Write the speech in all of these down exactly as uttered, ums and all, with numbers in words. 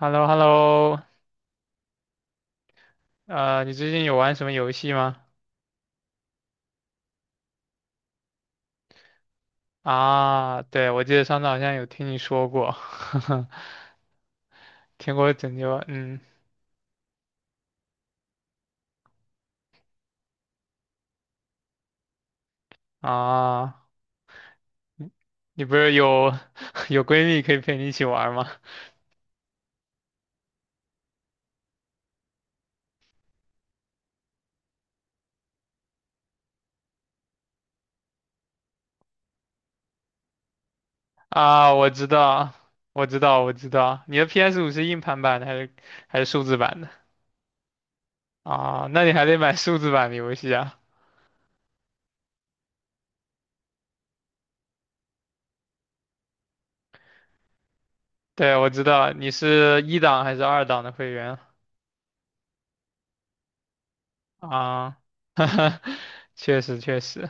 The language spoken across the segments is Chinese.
h e l l o h e l l o 呃，你最近有玩什么游戏吗？啊，对，我记得上次好像有听你说过，天国拯救，嗯，啊，你你不是有 有闺蜜可以陪你一起玩吗？啊，我知道，我知道，我知道，你的 p s 五是硬盘版的还是还是数字版的？啊，那你还得买数字版的游戏啊。对，我知道，你是一档还是二档的会员啊？哈哈，确实，确实。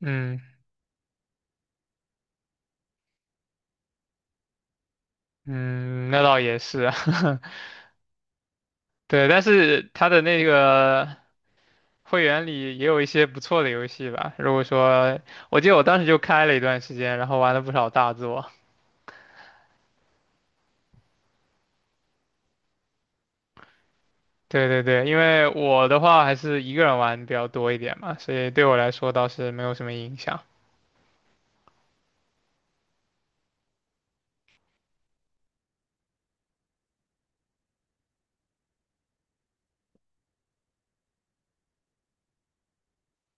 嗯，嗯，那倒也是啊，对，但是它的那个会员里也有一些不错的游戏吧。如果说，我记得我当时就开了一段时间，然后玩了不少大作。对对对，因为我的话还是一个人玩比较多一点嘛，所以对我来说倒是没有什么影响。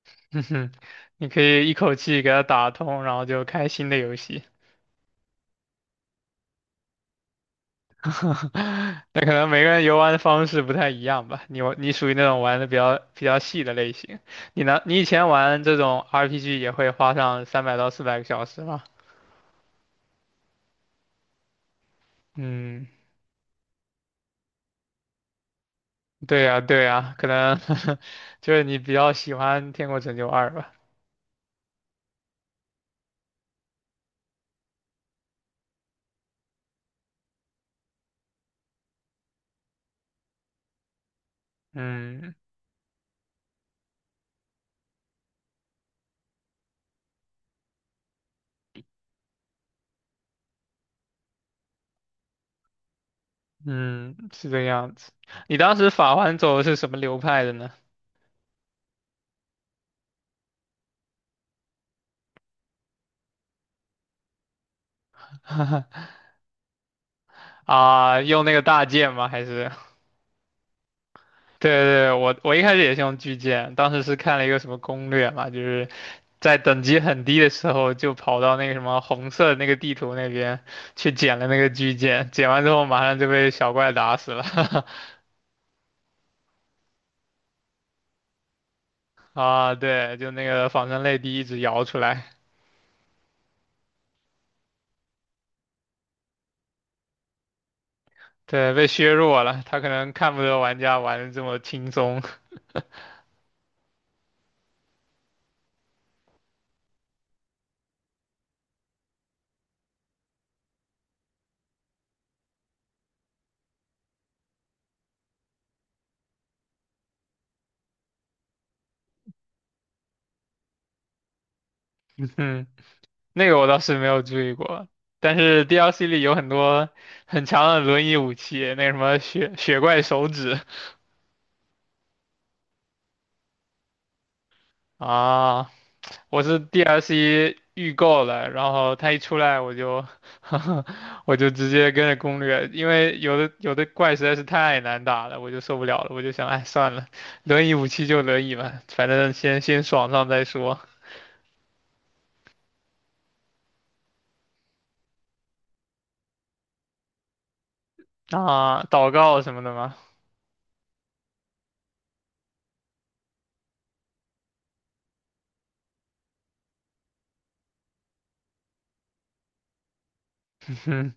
哼哼，你可以一口气给它打通，然后就开新的游戏。那可能每个人游玩的方式不太一样吧。你你属于那种玩的比较比较细的类型，你呢？你以前玩这种 R P G 也会花上三百到四百个小时吗？嗯，对呀，对呀，可能 就是你比较喜欢《天国拯救二》吧。嗯嗯，是这样子。你当时法环走的是什么流派的呢？啊，用那个大剑吗？还是？对对，我我一开始也是用巨剑，当时是看了一个什么攻略嘛，就是在等级很低的时候，就跑到那个什么红色的那个地图那边去捡了那个巨剑，捡完之后马上就被小怪打死了。啊，对，就那个仿生泪滴一直摇出来，对，被削弱了。他可能看不得玩家玩的这么轻松，嗯，那个我倒是没有注意过。但是 D L C 里有很多很强的轮椅武器，那个什么雪雪怪手指啊，我是 D L C 预购了，然后它一出来我就 我就直接跟着攻略，因为有的有的怪实在是太难打了，我就受不了了，我就想，哎，算了，轮椅武器就轮椅吧，反正先先爽上再说。啊，祷告什么的吗？嗯，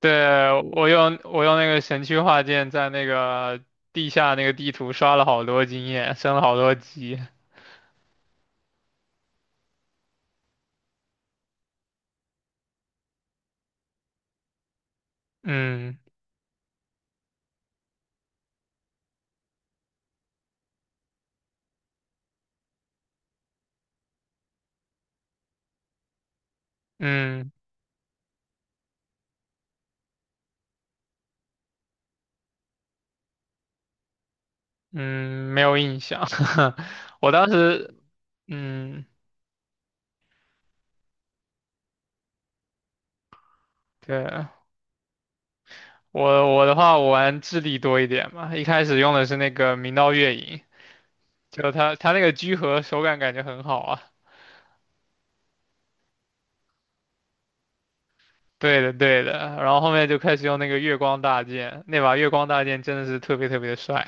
对，我用我用那个神区画剑在那个地下那个地图刷了好多经验，升了好多级。嗯嗯嗯，没有印象。我当时嗯，对，我我的话，我玩智力多一点嘛，一开始用的是那个明道月影，就他他那个居合手感感觉很好啊。对的对的，然后后面就开始用那个月光大剑，那把月光大剑真的是特别特别的帅。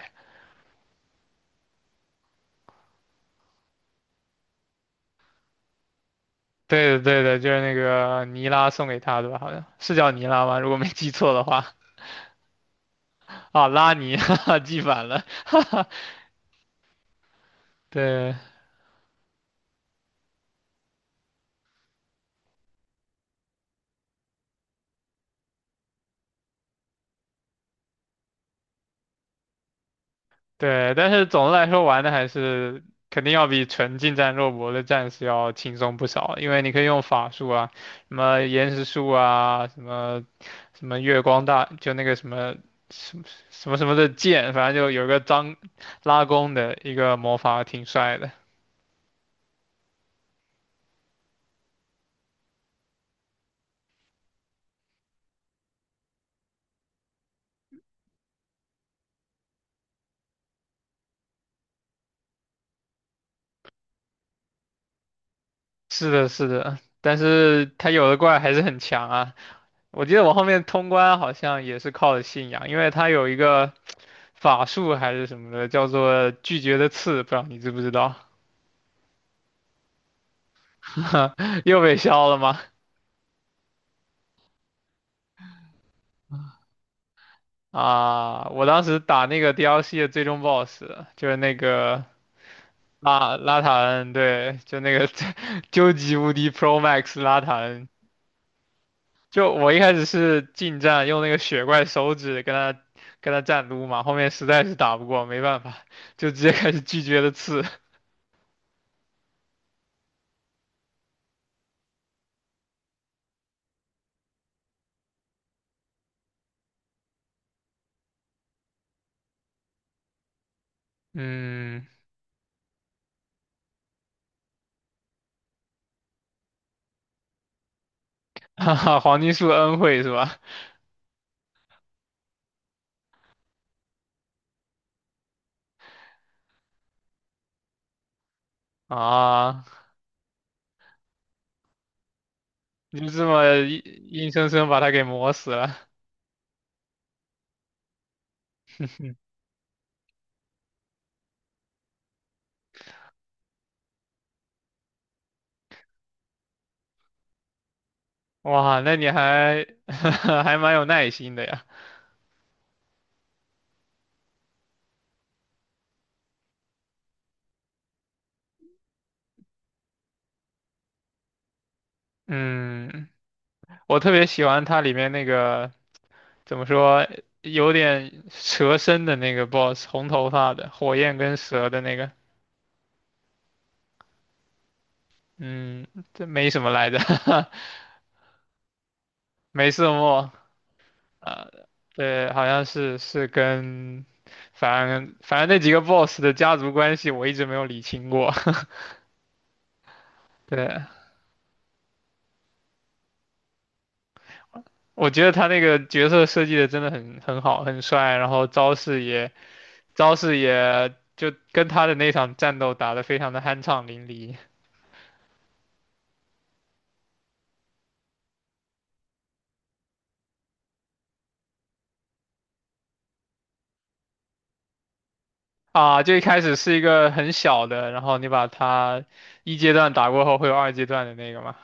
对的对的，就是那个尼拉送给他的吧，好像是叫尼拉吗？如果没记错的话，啊，拉尼，哈哈，记反了，哈哈，对。对，但是总的来说玩的还是肯定要比纯近战肉搏的战士要轻松不少，因为你可以用法术啊，什么岩石术啊，什么什么月光大，就那个什么什么什么什么的剑，反正就有一个张拉弓的一个魔法挺帅的。是的，是的，但是他有的怪还是很强啊。我记得我后面通关好像也是靠的信仰，因为他有一个法术还是什么的，叫做拒绝的刺，不知道你知不知道。又被削了吗？啊，我当时打那个 D L C 的最终 BOSS，就是那个拉拉塔恩，对，就那个 究极无敌 Pro Max 拉塔恩。就我一开始是近战，用那个雪怪手指跟他跟他战撸嘛，后面实在是打不过，没办法，就直接开始拒绝的刺。嗯，哈哈，黄金树恩惠是吧？啊，你就这么硬硬生生把他给磨死了。哇，那你还 还蛮有耐心的呀。嗯，我特别喜欢它里面那个怎么说，有点蛇身的那个 BOSS，红头发的，火焰跟蛇的那个。嗯，这没什么来着，没瑟莫。啊，对，好像是是跟，反正反正那几个 BOSS 的家族关系我一直没有理清过。对，我觉得他那个角色设计的真的很很好，很帅，然后招式也。招式也就跟他的那场战斗打得非常的酣畅淋漓啊！就一开始是一个很小的，然后你把他一阶段打过后会有二阶段的那个嘛。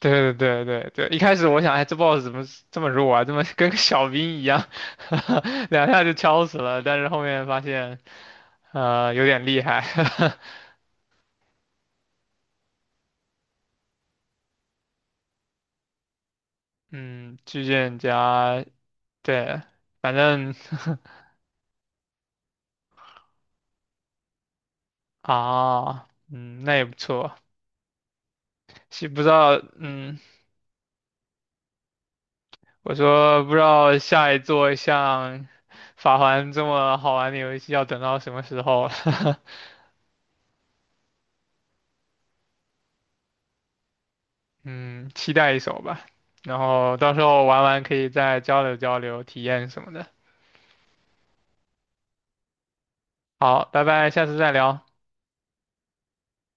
对对对对对，一开始我想，哎，这 boss 怎么这么弱啊？这么跟个小兵一样，两下就敲死了。但是后面发现，呃，有点厉害。嗯，巨剑加对，反正 啊，嗯，那也不错。是不知道，嗯。我说不知道下一座像《法环》这么好玩的游戏要等到什么时候了，嗯，期待一手吧。然后到时候玩完可以再交流交流体验什么的。好，拜拜，下次再聊。